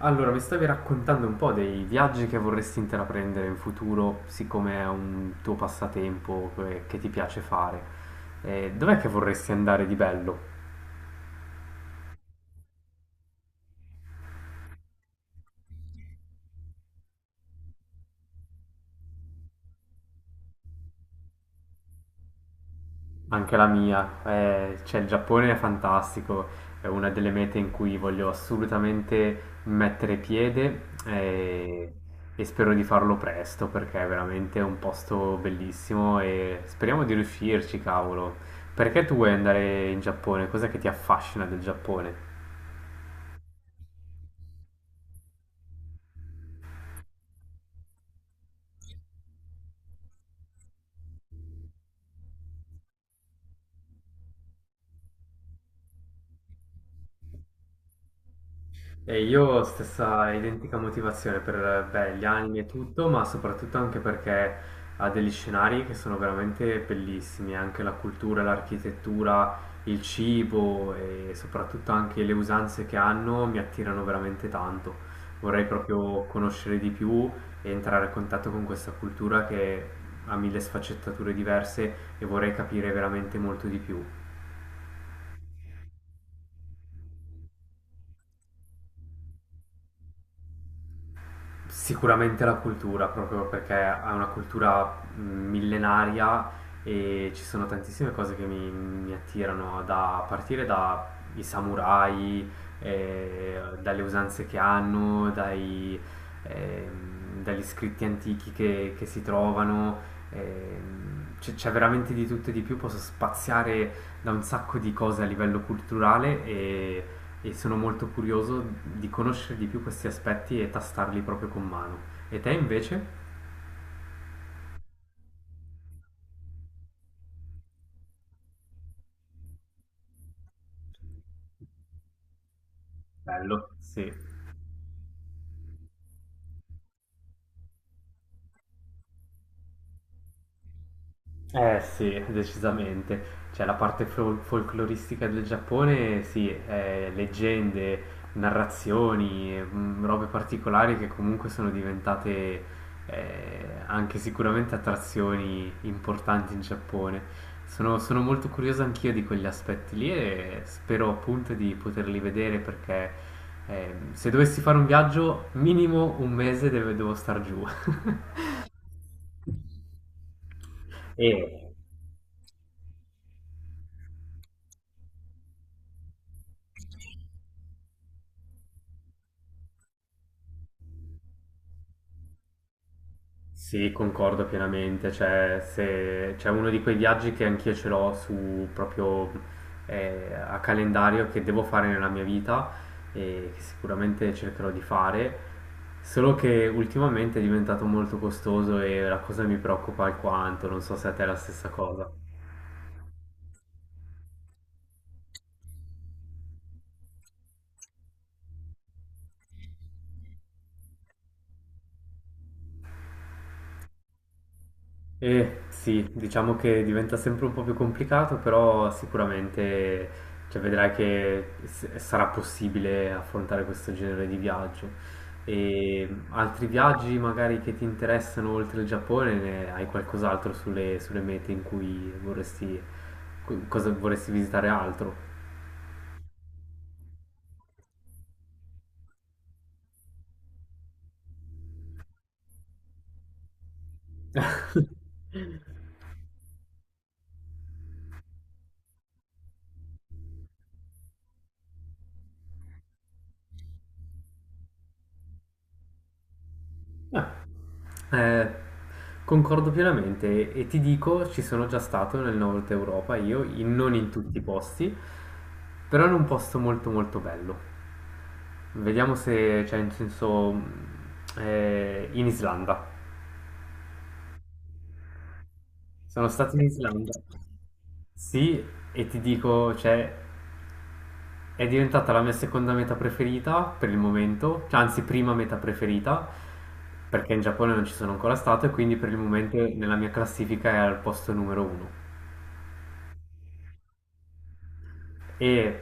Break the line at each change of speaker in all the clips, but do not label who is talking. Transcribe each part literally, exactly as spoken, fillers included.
Allora, mi stavi raccontando un po' dei viaggi che vorresti intraprendere in futuro, siccome è un tuo passatempo che, che ti piace fare. Eh, dov'è che vorresti andare di bello? Anche la mia. Eh, cioè, il Giappone è fantastico, è una delle mete in cui voglio assolutamente mettere piede eh, e spero di farlo presto perché è veramente un posto bellissimo e speriamo di riuscirci, cavolo. Perché tu vuoi andare in Giappone? Cos'è che ti affascina del Giappone? E io stessa identica motivazione per beh, gli anime e tutto, ma soprattutto anche perché ha degli scenari che sono veramente bellissimi, anche la cultura, l'architettura, il cibo e soprattutto anche le usanze che hanno mi attirano veramente tanto. Vorrei proprio conoscere di più e entrare a contatto con questa cultura che ha mille sfaccettature diverse e vorrei capire veramente molto di più. Sicuramente la cultura, proprio perché è una cultura millenaria e ci sono tantissime cose che mi, mi attirano, da a partire dai samurai, eh, dalle usanze che hanno, dai, ehm, dagli scritti antichi che, che si trovano. ehm, c'è, c'è veramente di tutto e di più, posso spaziare da un sacco di cose a livello culturale e e sono molto curioso di conoscere di più questi aspetti e tastarli proprio con mano. E te invece? Bello. Sì. Eh sì, decisamente. Cioè la parte fol- folcloristica del Giappone, sì, eh, leggende, narrazioni, mm, robe particolari che comunque sono diventate eh, anche sicuramente attrazioni importanti in Giappone. Sono, sono molto curioso anch'io di quegli aspetti lì e spero appunto di poterli vedere perché ehm, se dovessi fare un viaggio, minimo un mese deve- devo star giù. Eh, sì, concordo pienamente, cioè se c'è uno di quei viaggi che anch'io ce l'ho su proprio eh, a calendario che devo fare nella mia vita e che sicuramente cercherò di fare, solo che ultimamente è diventato molto costoso e la cosa mi preoccupa alquanto, non so se a te è la stessa cosa. Eh sì, diciamo che diventa sempre un po' più complicato, però sicuramente cioè, vedrai che s- sarà possibile affrontare questo genere di viaggio. E altri viaggi magari che ti interessano oltre il Giappone, ne hai qualcos'altro sulle, sulle mete in cui vorresti, co- cosa vorresti visitare altro? Eh, concordo pienamente e ti dico, ci sono già stato nel nord Europa, io, in- non in tutti i posti, però in un posto molto molto bello. Vediamo se, cioè, in senso, mh, eh, in Islanda. Sono stato in Islanda. Sì, e ti dico, cioè, è diventata la mia seconda meta preferita per il momento, cioè, anzi, prima meta preferita, perché in Giappone non ci sono ancora stato e quindi per il momento nella mia classifica è al posto numero uno. E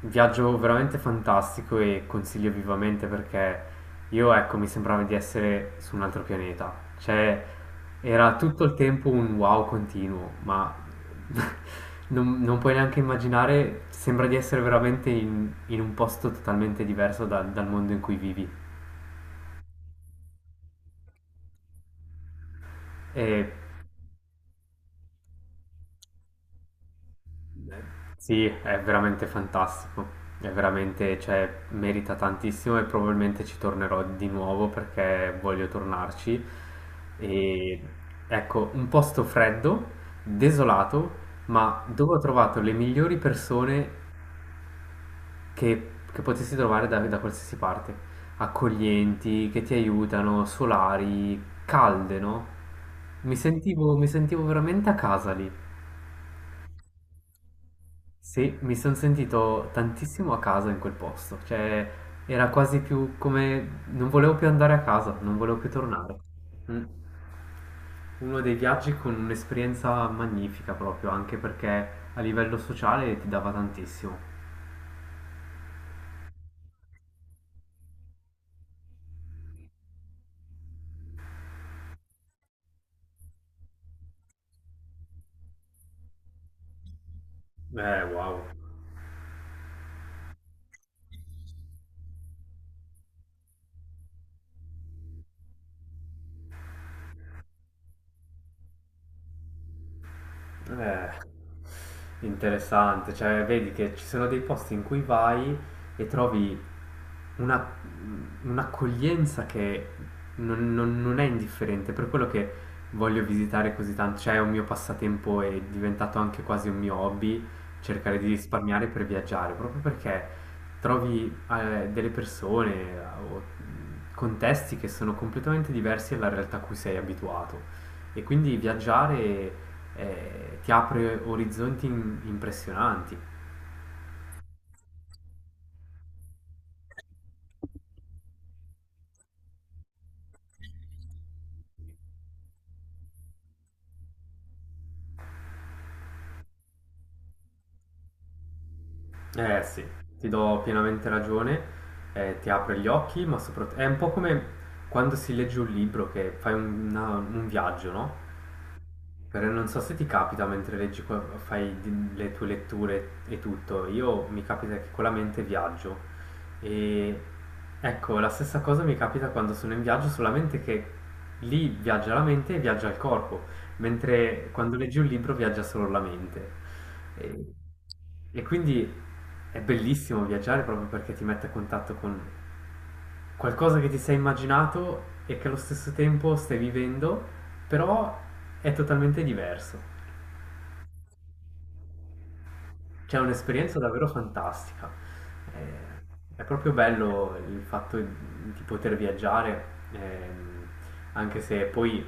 un viaggio veramente fantastico e consiglio vivamente perché io, ecco, mi sembrava di essere su un altro pianeta. Cioè, era tutto il tempo un wow continuo, ma non, non puoi neanche immaginare, sembra di essere veramente in, in un posto totalmente diverso da- dal mondo in cui vivi. E sì, è veramente fantastico. È veramente, cioè, merita tantissimo e probabilmente ci tornerò di nuovo perché voglio tornarci. E ecco, un posto freddo, desolato, ma dove ho trovato le migliori persone che, che potessi trovare da, da qualsiasi parte. Accoglienti, che ti aiutano, solari, calde, no? Mi sentivo, mi sentivo veramente a casa lì. Sì, mi sono sentito tantissimo a casa in quel posto, cioè era quasi più come non volevo più andare a casa, non volevo più tornare. Mm. Uno dei viaggi con un'esperienza magnifica proprio, anche perché a livello sociale ti dava tantissimo. Eh, wow. Eh, interessante, cioè vedi che ci sono dei posti in cui vai e trovi una, un'accoglienza che non, non- non è indifferente, per quello che voglio visitare così tanto, cioè è un mio passatempo è diventato anche quasi un mio hobby, cercare di risparmiare per viaggiare, proprio perché trovi eh, delle persone eh, o contesti che sono completamente diversi dalla realtà a cui sei abituato. E quindi viaggiare eh, ti apre orizzonti in- impressionanti. Eh sì. Ti do pienamente ragione, eh, ti apre gli occhi, ma soprattutto è un po' come quando si legge un libro che fai un, una- un viaggio, no? Però non so se ti capita mentre leggi, que- fai di- le tue letture e tutto. Io mi capita che con la mente viaggio e ecco, la stessa cosa mi capita quando sono in viaggio, solamente che lì viaggia la mente e viaggia il corpo, mentre quando leggi un libro viaggia solo la mente. E, e quindi è bellissimo viaggiare proprio perché ti mette a contatto con qualcosa che ti sei immaginato e che allo stesso tempo stai vivendo, però è totalmente diverso. Cioè, è un'esperienza davvero fantastica. Eh, È proprio bello il fatto di poter viaggiare, ehm, anche se poi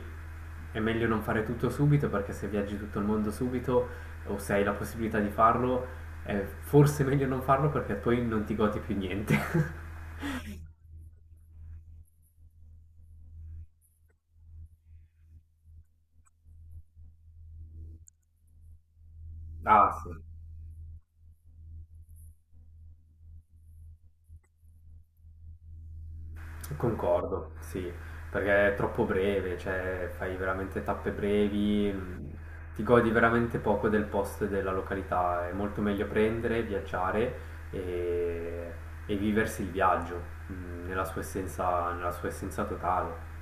è meglio non fare tutto subito, perché se viaggi tutto il mondo subito o se hai la possibilità di farlo, è forse meglio non farlo perché poi non ti godi più niente. Ah, sì. Concordo, sì, perché è troppo breve, cioè fai veramente tappe brevi, mh, ti godi veramente poco del posto e della località, è molto meglio prendere, viaggiare e, e viversi il viaggio, mh, nella sua essenza, nella sua essenza totale.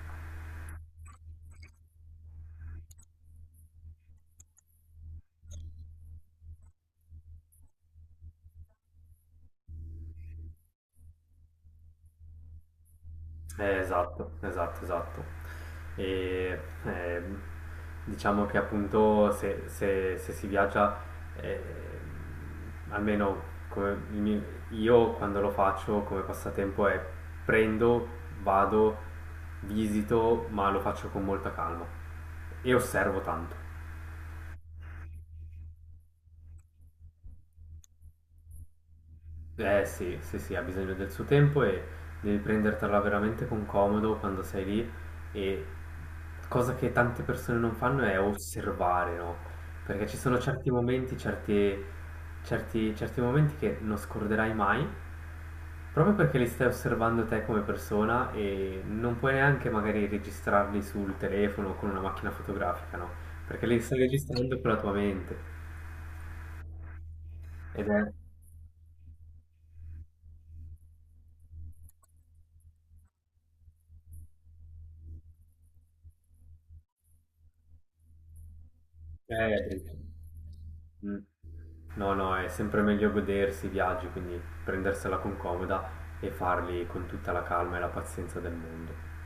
Eh, esatto, esatto, esatto. E ehm, diciamo che appunto se, se- se si viaggia, ehm, almeno come il mio- io quando lo faccio come passatempo è prendo, vado, visito, ma lo faccio con molta calma e osservo tanto. Eh sì, sì, sì, ha bisogno del suo tempo e devi prendertela veramente con comodo quando sei lì e cosa che tante persone non fanno è osservare, no? Perché ci sono certi momenti, certi, certi, certi momenti che non scorderai mai, proprio perché li stai osservando te come persona e non puoi neanche magari registrarli sul telefono o con una macchina fotografica, no? Perché li stai registrando con la tua mente ed è eh, presente. Mm. No, no, è sempre meglio godersi i viaggi, quindi prendersela con comoda e farli con tutta la calma e la pazienza del mondo.